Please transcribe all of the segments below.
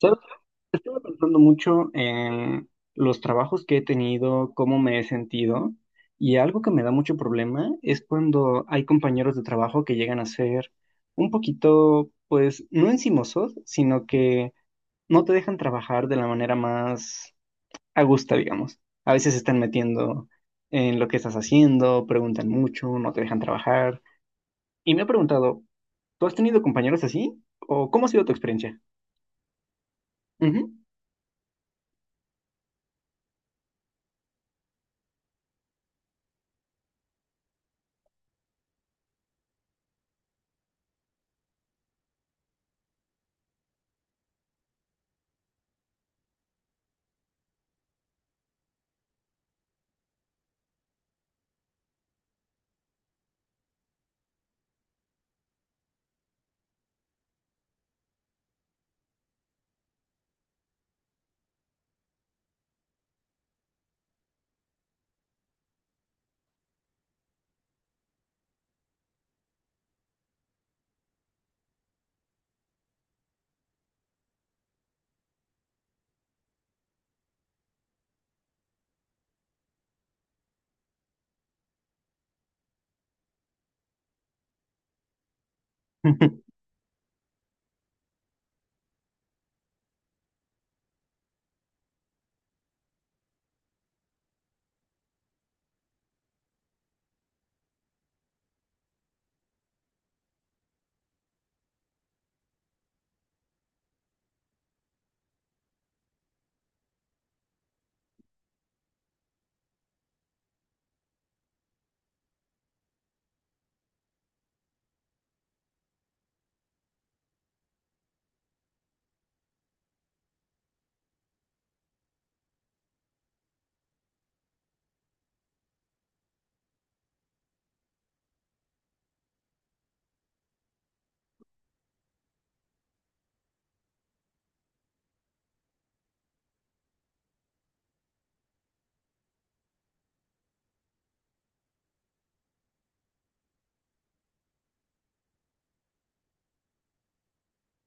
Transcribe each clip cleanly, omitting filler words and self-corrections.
¿Sabes? Estuve pensando mucho en los trabajos que he tenido, cómo me he sentido, y algo que me da mucho problema es cuando hay compañeros de trabajo que llegan a ser un poquito, pues, no encimosos, sino que no te dejan trabajar de la manera más a gusto, digamos. A veces se están metiendo en lo que estás haciendo, preguntan mucho, no te dejan trabajar. Y me he preguntado, ¿tú has tenido compañeros así? ¿O cómo ha sido tu experiencia? Ujú.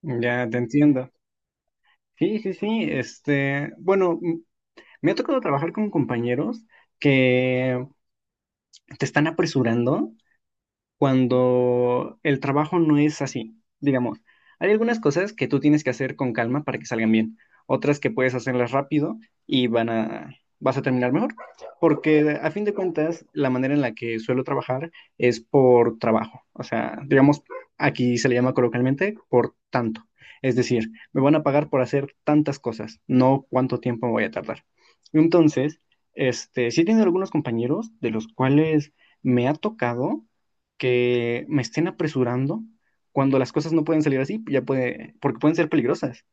Ya te entiendo. Sí, sí, sí. Este, bueno, me ha tocado trabajar con compañeros que te están apresurando cuando el trabajo no es así. Digamos, hay algunas cosas que tú tienes que hacer con calma para que salgan bien, otras que puedes hacerlas rápido y van a, vas a terminar mejor, porque a fin de cuentas, la manera en la que suelo trabajar es por trabajo. O sea, digamos, aquí se le llama coloquialmente por tanto. Es decir, me van a pagar por hacer tantas cosas, no cuánto tiempo me voy a tardar. Entonces, este, sí he tenido algunos compañeros de los cuales me ha tocado que me estén apresurando cuando las cosas no pueden salir así, ya puede, porque pueden ser peligrosas.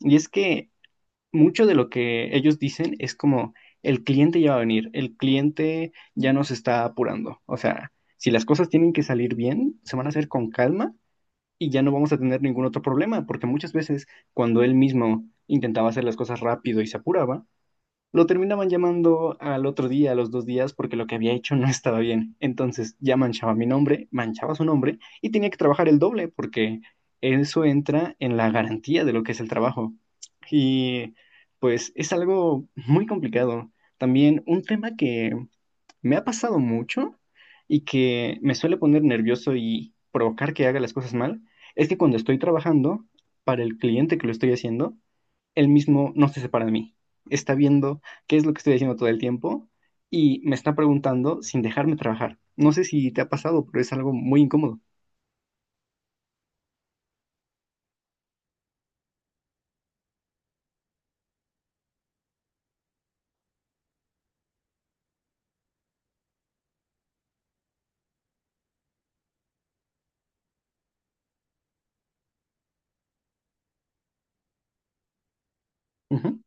Y es que mucho de lo que ellos dicen es como el cliente ya va a venir, el cliente ya nos está apurando. O sea, si las cosas tienen que salir bien, se van a hacer con calma y ya no vamos a tener ningún otro problema, porque muchas veces cuando él mismo intentaba hacer las cosas rápido y se apuraba, lo terminaban llamando al otro día, a los dos días, porque lo que había hecho no estaba bien. Entonces ya manchaba mi nombre, manchaba su nombre y tenía que trabajar el doble porque eso entra en la garantía de lo que es el trabajo. Y pues es algo muy complicado. También un tema que me ha pasado mucho y que me suele poner nervioso y provocar que haga las cosas mal, es que cuando estoy trabajando para el cliente que lo estoy haciendo, él mismo no se separa de mí. Está viendo qué es lo que estoy haciendo todo el tiempo y me está preguntando sin dejarme trabajar. No sé si te ha pasado, pero es algo muy incómodo. Ujú.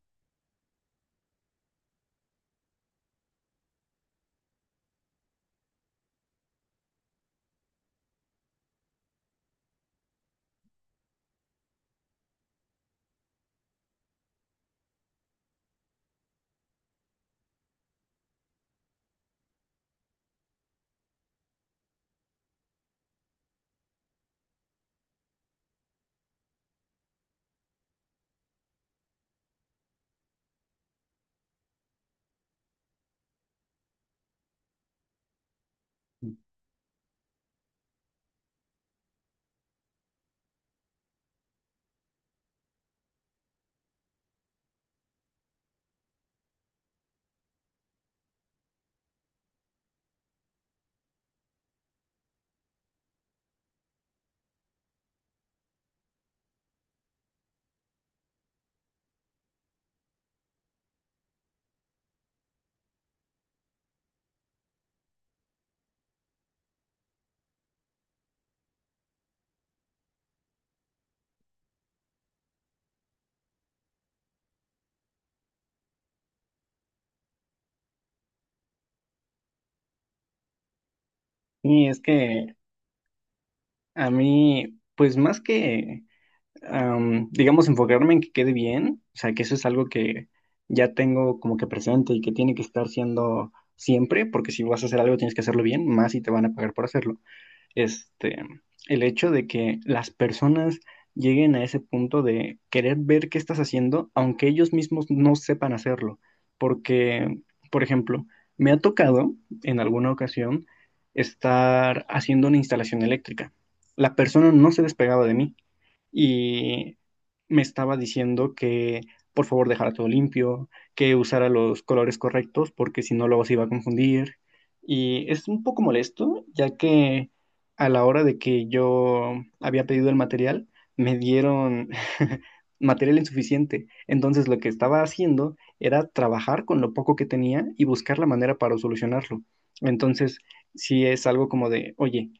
Y es que a mí, pues más que, digamos, enfocarme en que quede bien, o sea, que eso es algo que ya tengo como que presente y que tiene que estar siendo siempre, porque si vas a hacer algo tienes que hacerlo bien, más si te van a pagar por hacerlo. Este, el hecho de que las personas lleguen a ese punto de querer ver qué estás haciendo, aunque ellos mismos no sepan hacerlo. Porque, por ejemplo, me ha tocado en alguna ocasión estar haciendo una instalación eléctrica. La persona no se despegaba de mí y me estaba diciendo que por favor dejara todo limpio, que usara los colores correctos porque si no luego se iba a confundir. Y es un poco molesto, ya que a la hora de que yo había pedido el material, me dieron material insuficiente. Entonces lo que estaba haciendo era trabajar con lo poco que tenía y buscar la manera para solucionarlo. Entonces, si es algo como de, oye,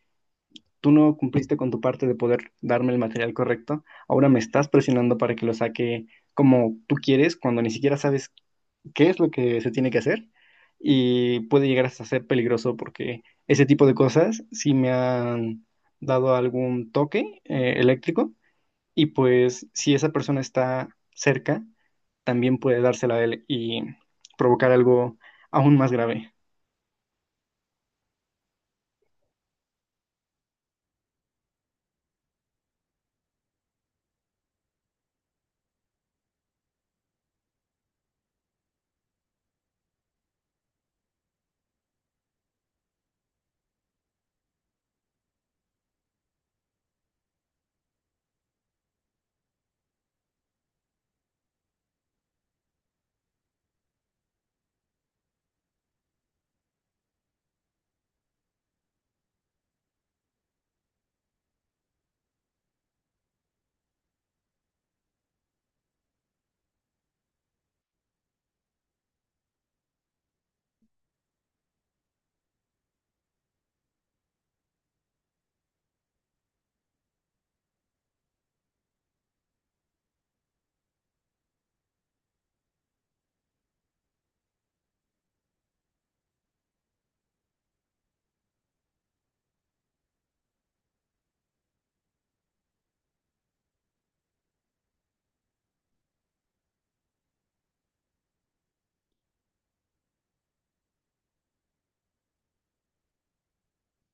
tú no cumpliste con tu parte de poder darme el material correcto, ahora me estás presionando para que lo saque como tú quieres, cuando ni siquiera sabes qué es lo que se tiene que hacer y puede llegar hasta ser peligroso porque ese tipo de cosas sí me han dado algún toque eléctrico y pues si esa persona está cerca, también puede dársela a él y provocar algo aún más grave.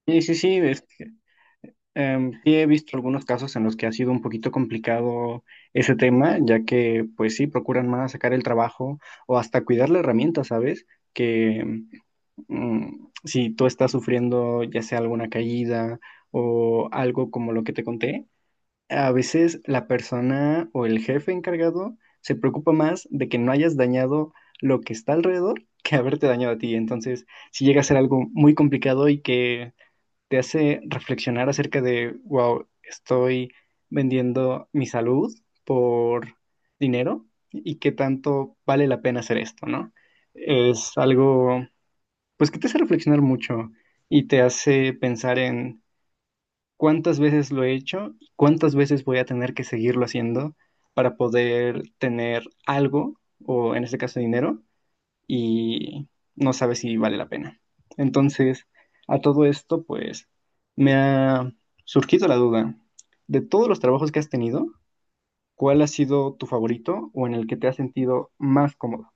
Sí, sí, sí, es. Sí, he visto algunos casos en los que ha sido un poquito complicado ese tema, ya que pues sí, procuran más sacar el trabajo o hasta cuidar la herramienta, ¿sabes? Que mm, si tú estás sufriendo ya sea alguna caída o algo como lo que te conté, a veces la persona o el jefe encargado se preocupa más de que no hayas dañado lo que está alrededor que haberte dañado a ti. Entonces, si llega a ser algo muy complicado y que te hace reflexionar acerca de, wow, estoy vendiendo mi salud por dinero y qué tanto vale la pena hacer esto, ¿no? Es algo, pues, que te hace reflexionar mucho y te hace pensar en cuántas veces lo he hecho y cuántas veces voy a tener que seguirlo haciendo para poder tener algo, o en este caso dinero, y no sabes si vale la pena. Entonces, a todo esto, pues, me ha surgido la duda, de todos los trabajos que has tenido, ¿cuál ha sido tu favorito o en el que te has sentido más cómodo?